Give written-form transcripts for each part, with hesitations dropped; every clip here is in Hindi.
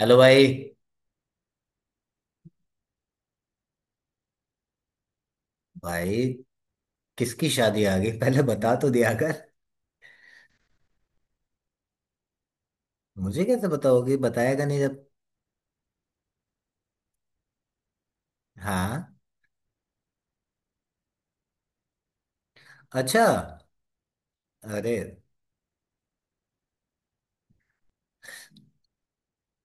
हेलो भाई। भाई किसकी शादी आ गई पहले बता तो दिया कर। मुझे कैसे बताओगे बताएगा नहीं जब। हाँ। अच्छा। अरे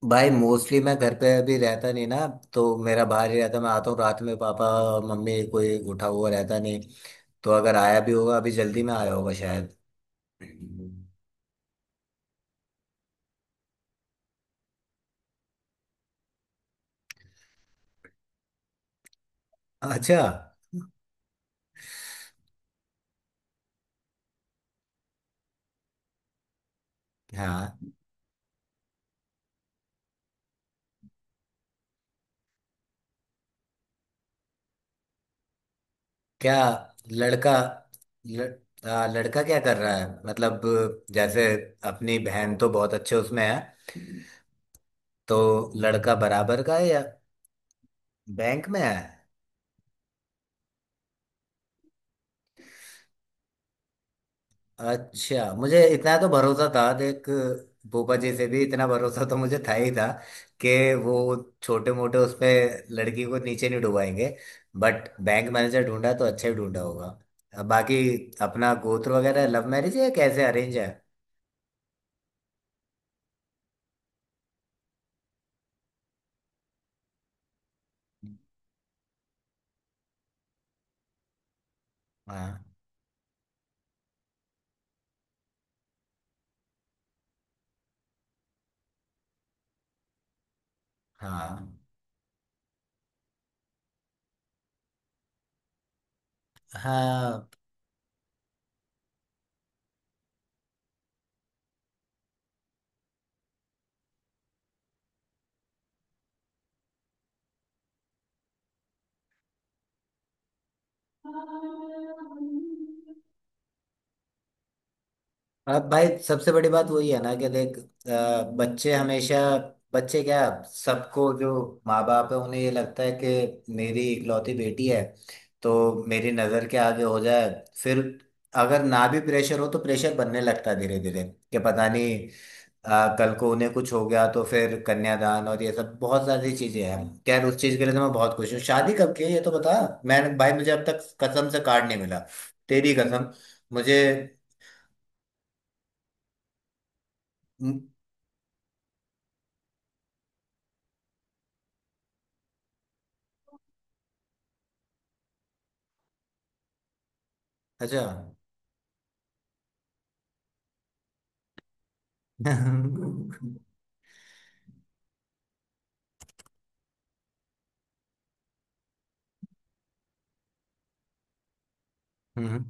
भाई मोस्टली मैं घर पे अभी रहता नहीं ना, तो मेरा बाहर ही रहता। मैं आता हूँ रात में, पापा मम्मी कोई उठा हुआ रहता नहीं। तो अगर आया भी होगा अभी जल्दी में आया होगा शायद। अच्छा। हाँ। क्या? लड़का? लड़का क्या कर रहा है मतलब? जैसे अपनी बहन तो बहुत अच्छे उसमें है, तो लड़का बराबर का है या? बैंक में है? अच्छा, मुझे इतना तो भरोसा था देख। भूपा जी से भी इतना भरोसा तो मुझे था ही था कि वो छोटे मोटे उस पे लड़की को नीचे नहीं डुबाएंगे। बट बैंक मैनेजर ढूंढा तो अच्छा ही ढूंढा होगा। अब बाकी अपना गोत्र वगैरह, लव मैरिज है या कैसे अरेंज है? हाँ। हाँ। हाँ। अब भाई सबसे बड़ी बात वही है ना कि देख बच्चे हमेशा, बच्चे क्या, सबको जो माँ बाप है उन्हें ये लगता है कि मेरी इकलौती बेटी है, तो मेरी नज़र के आगे हो जाए। फिर अगर ना भी प्रेशर हो तो प्रेशर बनने लगता है धीरे धीरे कि पता नहीं कल को उन्हें कुछ हो गया तो फिर कन्यादान और ये सब बहुत सारी चीज़ें हैं। खैर, उस चीज़ के लिए तो मैं बहुत खुश हूँ। शादी कब की है ये तो बता। मैंने, भाई मुझे अब तक कसम से कार्ड नहीं मिला। तेरी कसम मुझे। अच्छा। हम्म। हम्म।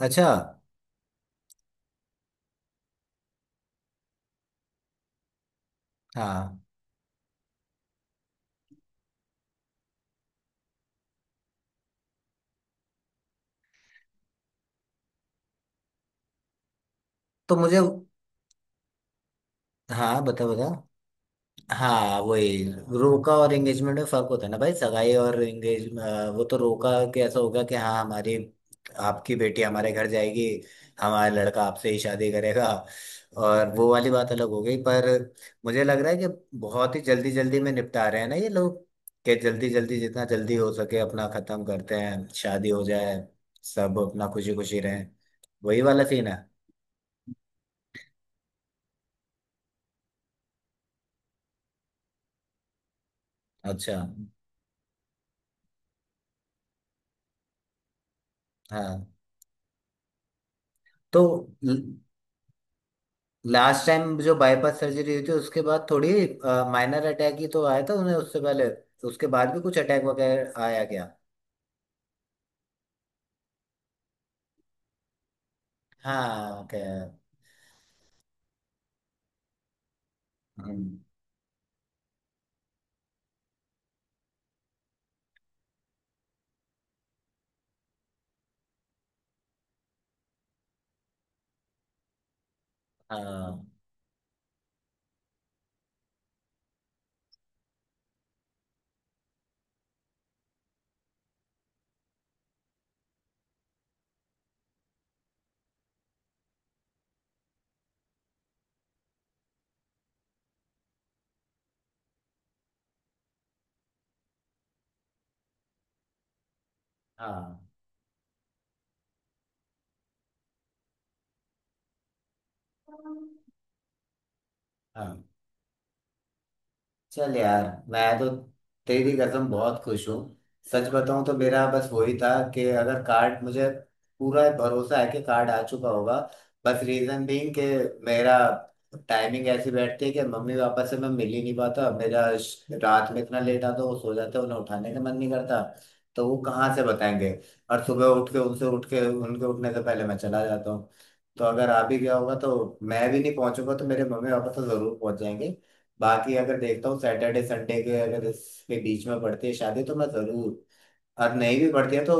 अच्छा। हाँ। तो मुझे। हाँ बता बता। हाँ वही, रोका और एंगेजमेंट में फर्क होता है ना भाई, सगाई और एंगेज, वो तो रोका के ऐसा होगा कि हाँ हमारी आपकी बेटी हमारे घर जाएगी, हमारा लड़का आपसे ही शादी करेगा। और वो वाली बात अलग हो गई, पर मुझे लग रहा है कि बहुत ही जल्दी जल्दी में निपटा रहे हैं ना ये लोग कि जल्दी जल्दी जितना जल्दी हो सके अपना खत्म करते हैं शादी हो जाए, सब अपना खुशी खुशी रहें। वही वाला सीन है। अच्छा। हाँ। तो लास्ट टाइम जो बाईपास सर्जरी हुई थी उसके बाद थोड़ी माइनर अटैक ही तो आया था उन्हें, उससे पहले तो। उसके बाद भी कुछ अटैक वगैरह आया क्या? हाँ। क्या? हम्म। हाँ। हाँ। हाँ। चल यार। मैं तो, तेरी कसम बहुत खुश हूँ। सच बताऊं तो मेरा बस वही था कि अगर कार्ड मुझे, पूरा भरोसा है कि कार्ड आ चुका होगा। बस रीजन बीइंग कि मेरा टाइमिंग ऐसी बैठती है कि मम्मी पापा से मैं मिल ही नहीं पाता। मेरा रात में इतना लेट आता, वो सो जाते हैं, उन्हें उठाने का मन नहीं करता, तो वो कहाँ से बताएंगे। और सुबह उठ के उनसे, उठ के उनके उठने से पहले मैं चला जाता हूँ। तो अगर आ भी गया होगा तो मैं भी नहीं पहुंचूंगा, तो मेरे मम्मी पापा तो जरूर पहुंच जाएंगे। बाकी अगर देखता हूँ सैटरडे संडे के अगर इसके बीच में पड़ती है शादी तो मैं जरूर, और नहीं भी पड़ती है तो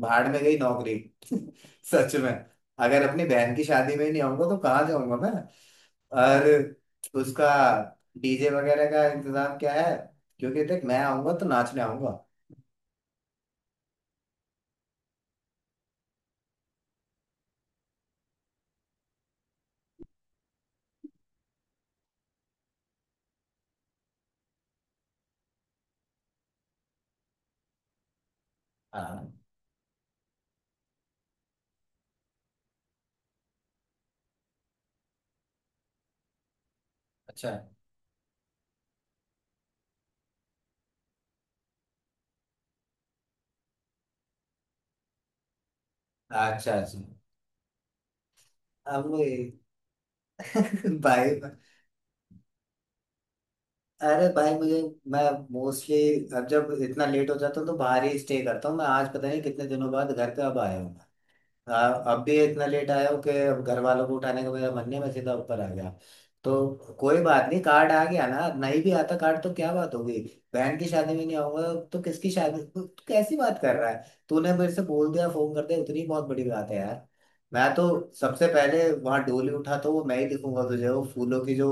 भाड़ में गई नौकरी। सच में, अगर अपनी बहन की शादी में ही नहीं आऊंगा तो कहाँ जाऊंगा मैं? और उसका डीजे वगैरह का इंतजाम क्या है? क्योंकि देख मैं आऊंगा तो नाचने आऊंगा। हाँ। अच्छा अच्छा। अच्छा। अब वही। भाई, अरे भाई मुझे, मैं मोस्टली, अब जब इतना लेट हो जाता हूँ तो बाहर ही स्टे करता हूँ। मैं आज पता नहीं कितने दिनों बाद घर पे अब आया हूँ। हाँ, अब भी इतना लेट आया हूँ कि अब घर वालों को उठाने का मेरा मन नहीं, मैं सीधा ऊपर आ गया। तो कोई बात नहीं, कार्ड आ गया ना, नहीं भी आता कार्ड तो क्या बात होगी, बहन की शादी में नहीं आऊंगा तो किसकी शादी? तू तू कैसी बात कर रहा है, तूने मेरे से बोल दिया, फोन कर दिया, उतनी बहुत बड़ी बात है यार। मैं तो सबसे पहले वहां डोली उठा तो वो मैं ही दिखूंगा तुझे, वो फूलों की जो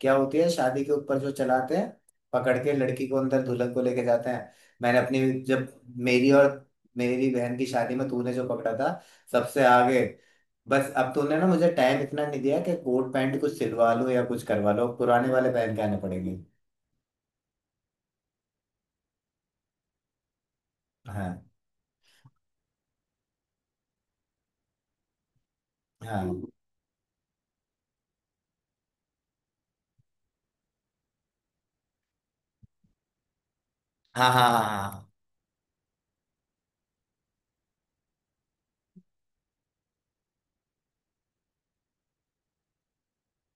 क्या होती है शादी के ऊपर जो चलाते हैं, पकड़ के लड़की को अंदर दुल्हन को लेके जाते हैं। मैंने अपनी, जब मेरी और मेरी बहन की शादी में तूने जो पकड़ा था सबसे आगे। बस अब तूने ना मुझे टाइम इतना नहीं दिया कि कोट पैंट कुछ सिलवा लो या कुछ करवा लो, पुराने वाले पहन के आने पड़ेंगे। हाँ। हाँ। हाँ। हाँ। हाँ।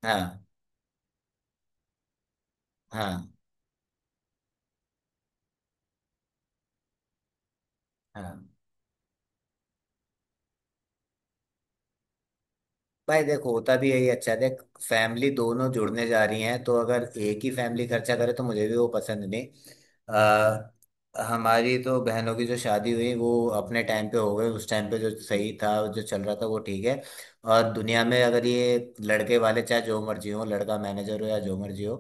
हाँ। हाँ। हाँ। हाँ। हाँ। भाई देखो होता भी यही अच्छा है, देख फैमिली दोनों जुड़ने जा रही हैं तो अगर एक ही फैमिली खर्चा करे तो मुझे भी वो पसंद नहीं। अ, हमारी तो बहनों की जो शादी हुई वो अपने टाइम पे हो गई, उस टाइम पे जो सही था जो चल रहा था वो ठीक है। और दुनिया में अगर ये लड़के वाले चाहे जो मर्जी हो, लड़का मैनेजर हो या जो मर्जी हो,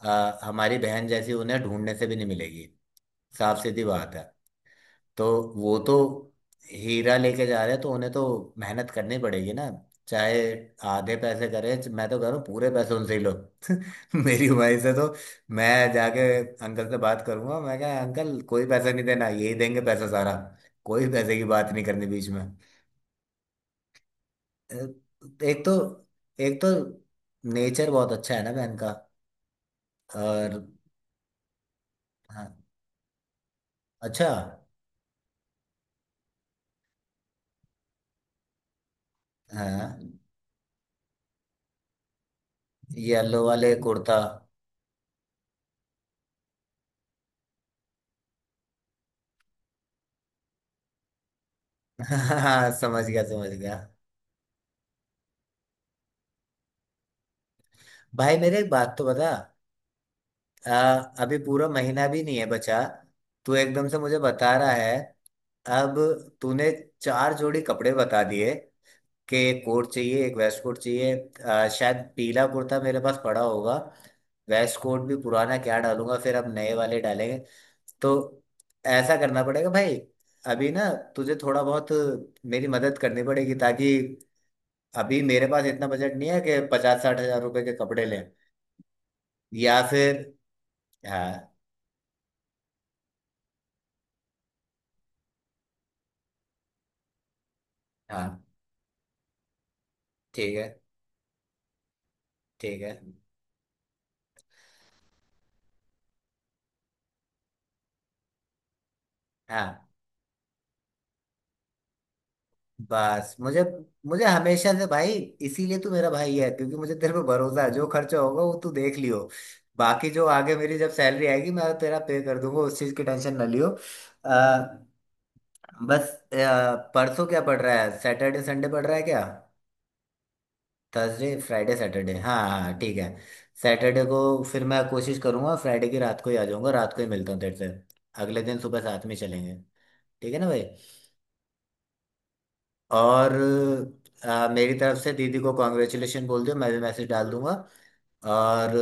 हमारी बहन जैसी उन्हें ढूंढने से भी नहीं मिलेगी। साफ सीधी बात है। तो वो तो हीरा लेके जा रहे हैं तो उन्हें तो मेहनत करनी पड़ेगी ना। चाहे आधे पैसे करे, मैं तो कह रहा हूँ पूरे पैसे उनसे ही लो। मेरी उम्र से तो, मैं जाके अंकल से बात करूंगा, मैं क्या अंकल कोई पैसा नहीं देना, यही देंगे पैसा सारा। कोई पैसे की बात नहीं करनी बीच में। एक तो, एक तो नेचर बहुत अच्छा है ना बहन का। और हाँ। अच्छा। हाँ। येलो वाले कुर्ता। हाँ समझ गया समझ गया। भाई मेरे एक बात तो बता। अ, अभी पूरा महीना भी नहीं है बचा, तू एकदम से मुझे बता रहा है। अब तूने चार जोड़ी कपड़े बता दिए कि एक कोट चाहिए, एक वेस्ट कोट चाहिए। शायद पीला कुर्ता मेरे पास पड़ा होगा, वेस्ट कोट भी पुराना क्या डालूंगा, फिर अब नए वाले डालेंगे। तो ऐसा करना पड़ेगा भाई, अभी ना तुझे थोड़ा बहुत मेरी मदद करनी पड़ेगी, ताकि अभी मेरे पास इतना बजट नहीं है कि 50-60 हज़ार रुपए के कपड़े लें या फिर। हाँ। हाँ। ठीक है। ठीक है। हाँ। बस मुझे, मुझे हमेशा से भाई, इसीलिए तू मेरा भाई है क्योंकि मुझे तेरे पे भरोसा है, जो खर्चा होगा वो तू देख लियो। बाकी जो आगे मेरी जब सैलरी आएगी मैं तेरा पे कर दूंगा, उस चीज की टेंशन ना लियो। अ, बस परसों क्या पड़ रहा है, सैटरडे संडे पड़ रहा है क्या? थर्सडे फ्राइडे सैटरडे, हाँ हाँ ठीक है। सैटरडे को फिर मैं कोशिश करूंगा फ्राइडे की रात को ही आ जाऊंगा, रात को ही मिलता हूँ तेरे से, अगले दिन सुबह साथ में चलेंगे। ठीक है ना भाई? और मेरी तरफ से दीदी को कॉन्ग्रेचुलेशन बोल दियो, मैं भी मैसेज डाल दूंगा। और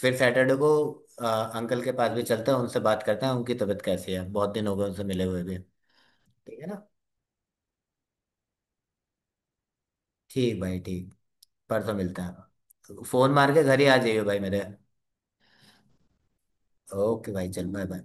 फिर सैटरडे को अंकल के पास भी चलते हैं, उनसे बात करते हैं, उनकी तबीयत कैसी है, बहुत दिन हो गए उनसे मिले हुए भी। ठीक है ना? ठीक भाई ठीक। परसों मिलते हैं, फोन मार के घर ही आ जाइए भाई मेरे। ओके भाई चल बाय बाय।